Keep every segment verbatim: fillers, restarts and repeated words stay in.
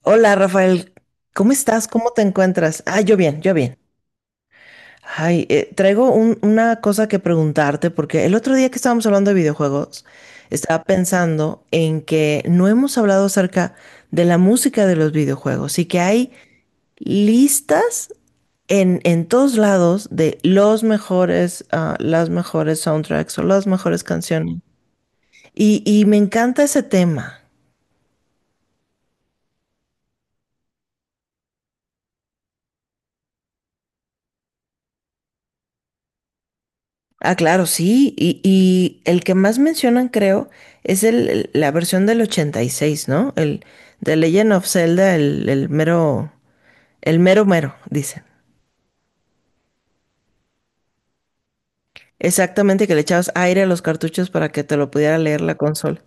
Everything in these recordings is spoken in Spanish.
Hola Rafael, ¿cómo estás? ¿Cómo te encuentras? Ah, yo bien, yo bien. Ay, eh, traigo un- una cosa que preguntarte porque el otro día que estábamos hablando de videojuegos, estaba pensando en que no hemos hablado acerca de la música de los videojuegos y que hay listas en, en todos lados de los mejores, ah, las mejores soundtracks o las mejores canciones. Y, y me encanta ese tema. Ah, claro, sí. Y, y el que más mencionan, creo, es el, el- la versión del ochenta y seis, ¿no? El de Legend of Zelda, el, el mero, el mero mero, dicen. Exactamente, que le echabas aire a los cartuchos para que te lo pudiera leer la consola.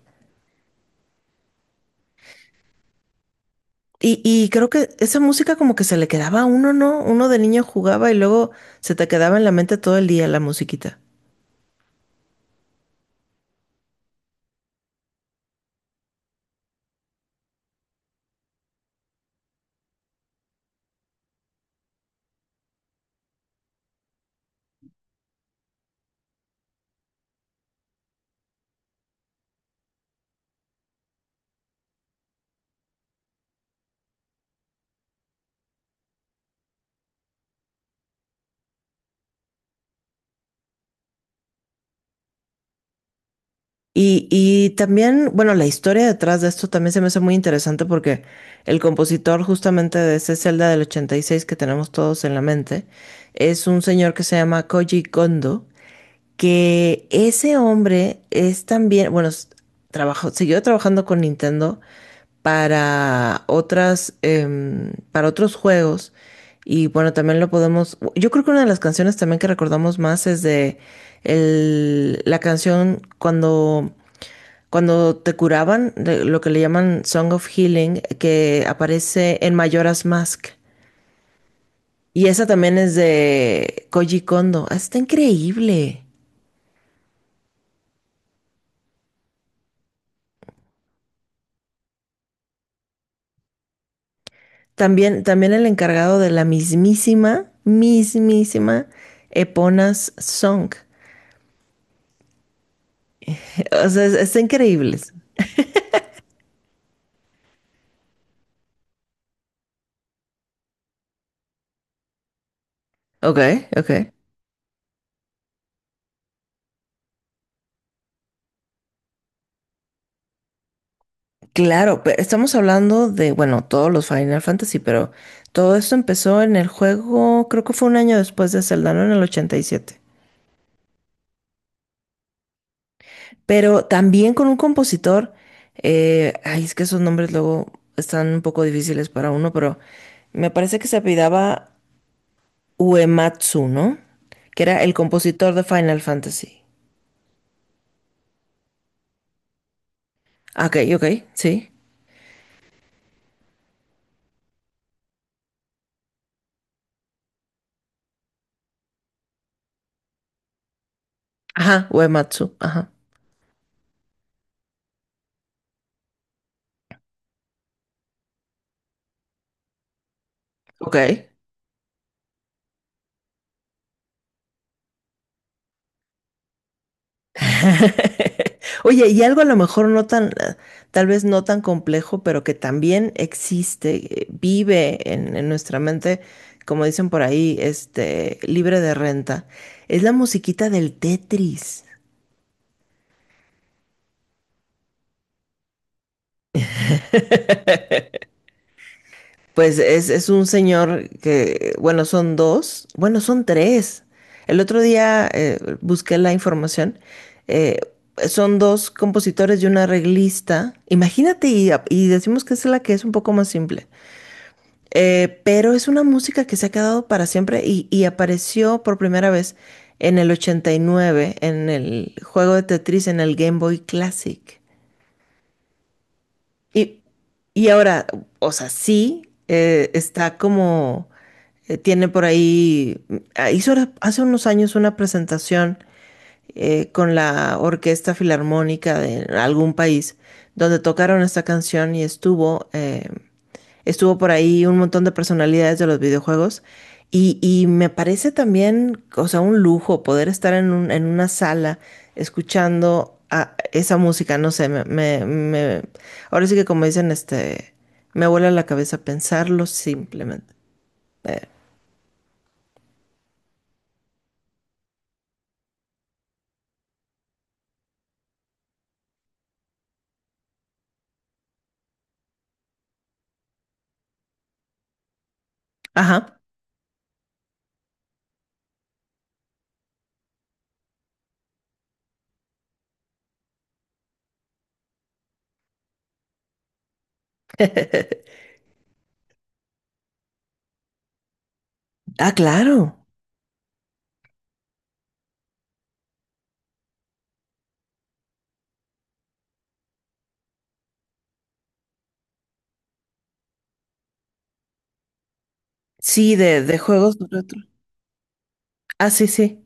Y, y creo que esa música como que se le quedaba a uno, ¿no? Uno de niño jugaba y luego se te quedaba en la mente todo el día la musiquita. Y, y también, bueno, la historia detrás de esto también se me hace muy interesante porque el compositor justamente de ese Zelda del ochenta y seis que tenemos todos en la mente es un señor que se llama Koji Kondo, que ese hombre es también, bueno, s- trabajó, siguió trabajando con Nintendo para otras, em, para otros juegos y bueno, también lo podemos, yo creo que una de las canciones también que recordamos más es de el- la canción cuando cuando te curaban, de lo que le llaman Song of Healing, que aparece en Majora's Mask. Y esa también es de Koji Kondo. Ah, Está increíble. También, también el encargado de la mismísima, mismísima Epona's Song. O sea, es- está increíble. Ok, ok. Claro, pero estamos hablando de, bueno, todos los Final Fantasy, pero todo esto empezó en el juego, creo que fue un año después de Zelda, ¿no? En el ochenta y siete. Pero también con un compositor, eh, ay, es que esos nombres luego están un poco difíciles para uno, pero me parece que se apellidaba Uematsu, ¿no? Que era el compositor de Final Fantasy. Ah, Ok, ok, sí. Ajá, Uematsu, ajá. Ok. Oye, y algo a lo mejor no tan, eh, tal vez no tan complejo, pero que también existe, eh, vive en, en nuestra mente, como dicen por ahí, este, libre de renta, es la musiquita del Tetris. Pues es, es un señor que, bueno, son dos, bueno, son tres. El otro día eh, busqué la información. eh, Son dos compositores y un arreglista. Imagínate, y, y decimos que es la que es un poco más simple. Eh, pero es una música que se ha quedado para siempre y, y apareció por primera vez en el ochenta y nueve en el juego de Tetris en el Game Boy Classic. Y, y ahora, o sea, sí, eh, está como, eh, tiene por ahí, ah, hizo ahora- hace unos años una presentación eh, con la Orquesta Filarmónica de algún país, donde tocaron esta canción y estuvo, eh, estuvo por ahí un montón de personalidades de los videojuegos. Y, y me parece también, o sea, un lujo poder estar en, un- en una sala escuchando a esa música, no sé, me, me- me- ahora sí que como dicen, este, me vuela la cabeza pensarlo simplemente. Ajá. Ah, claro. Sí, de, de juegos retro. Ah, sí, sí.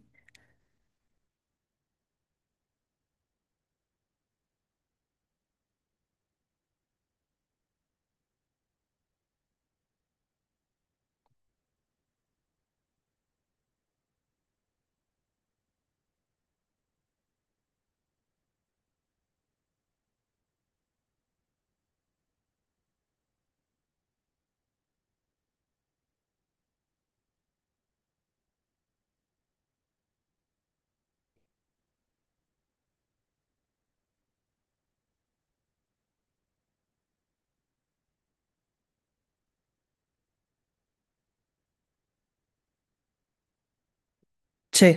Sí,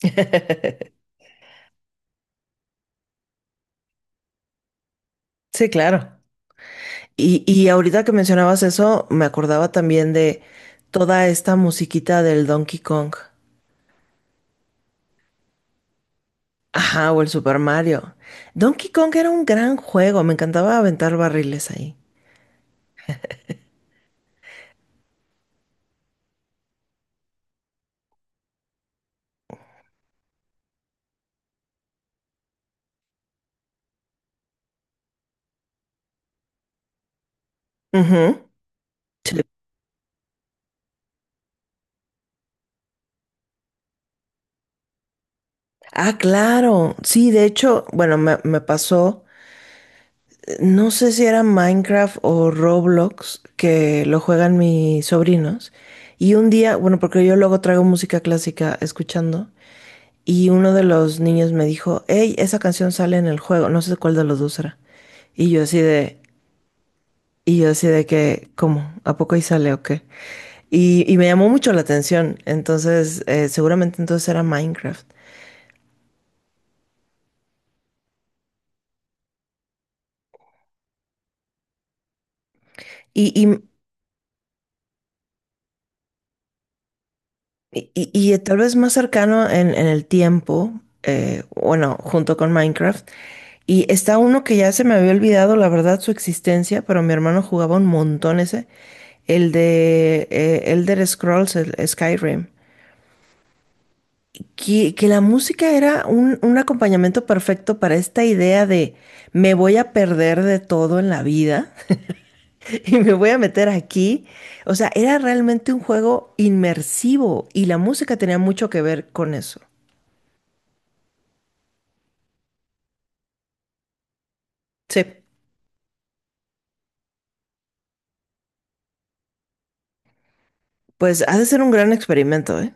sí, claro. Y, y ahorita que mencionabas eso, me acordaba también de toda esta musiquita del Donkey Kong. Ajá, o el Super Mario. Donkey Kong era un gran juego, me encantaba aventar barriles ahí. Ujú. Sí. Ah, claro. Sí, de hecho, bueno, me, me pasó. No sé si era Minecraft o Roblox, que lo juegan mis sobrinos. Y un día, bueno, porque yo luego traigo música clásica escuchando, y uno de los niños me dijo, hey, esa canción sale en el juego, no sé cuál de los dos era. Y yo así de, y yo así de que, ¿cómo? ¿A poco ahí sale o qué? Y, y me llamó mucho la atención, entonces eh, seguramente entonces era Minecraft. Y, y Y, y- y tal vez más cercano en, en el tiempo, eh, bueno, junto con Minecraft. Y está uno que ya se me había olvidado, la verdad, su existencia, pero mi hermano jugaba un montón ese, el de eh, Elder Scrolls, el Skyrim. Que, que la música era un, un acompañamiento perfecto para esta idea de me voy a perder de todo en la vida y me voy a meter aquí. O sea, era realmente un juego inmersivo y la música tenía mucho que ver con eso. Sí, pues ha de ser un gran experimento, ¿eh?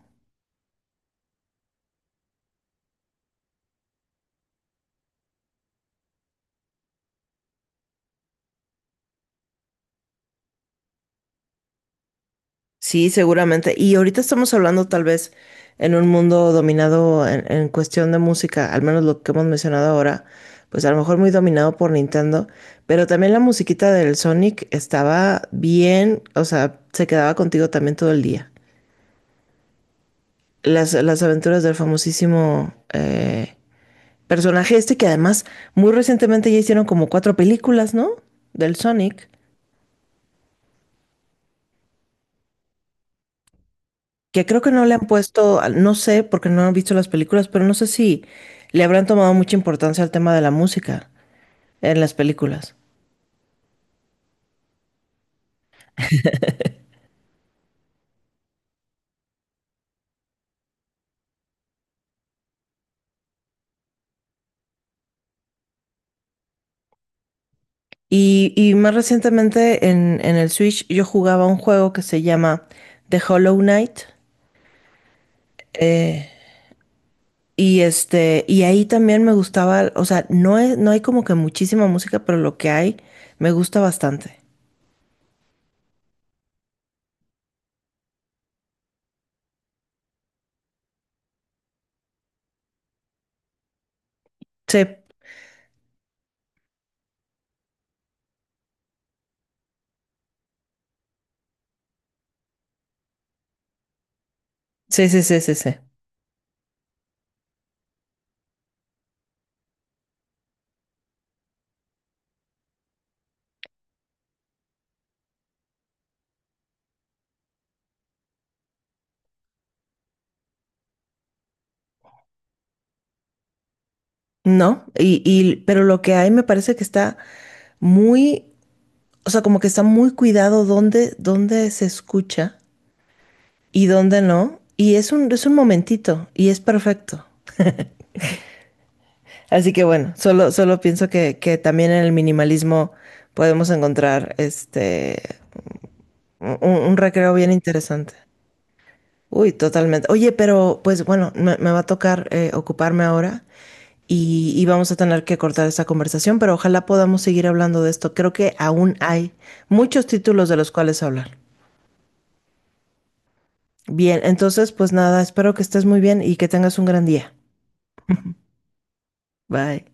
Sí, seguramente. Y ahorita estamos hablando tal vez en un mundo dominado en, en cuestión de música, al menos lo que hemos mencionado ahora, pues a lo mejor muy dominado por Nintendo, pero también la musiquita del Sonic estaba bien, o sea, se quedaba contigo también todo el día. Las, las aventuras del famosísimo eh, personaje este que además muy recientemente ya hicieron como cuatro películas, ¿no? Del Sonic. que creo que no le han puesto, no sé, porque no han visto las películas, pero no sé si le habrán tomado mucha importancia al tema de la música en las películas. Y, y más recientemente en, en el Switch yo jugaba un juego que se llama The Hollow Knight. eh, y este, y ahí también me gustaba, o sea, no es, no hay como que muchísima música, pero lo que hay me gusta bastante. Sí, sí, sí, sí, sí, sí. No, y, y, pero lo que hay me parece que está muy o sea, como que está muy cuidado dónde, dónde se escucha y dónde no. Y es un, es un momentito y es perfecto. Así que bueno, solo, solo pienso que, que también en el minimalismo podemos encontrar este un, un recreo bien interesante. Uy, totalmente. Oye, pero pues bueno, me, me va a tocar eh, ocuparme ahora y, y vamos a tener que cortar esta conversación, pero ojalá podamos seguir hablando de esto. Creo que aún hay muchos títulos de los cuales hablar. Bien, entonces pues nada, espero que estés muy bien y que tengas un gran día. Bye.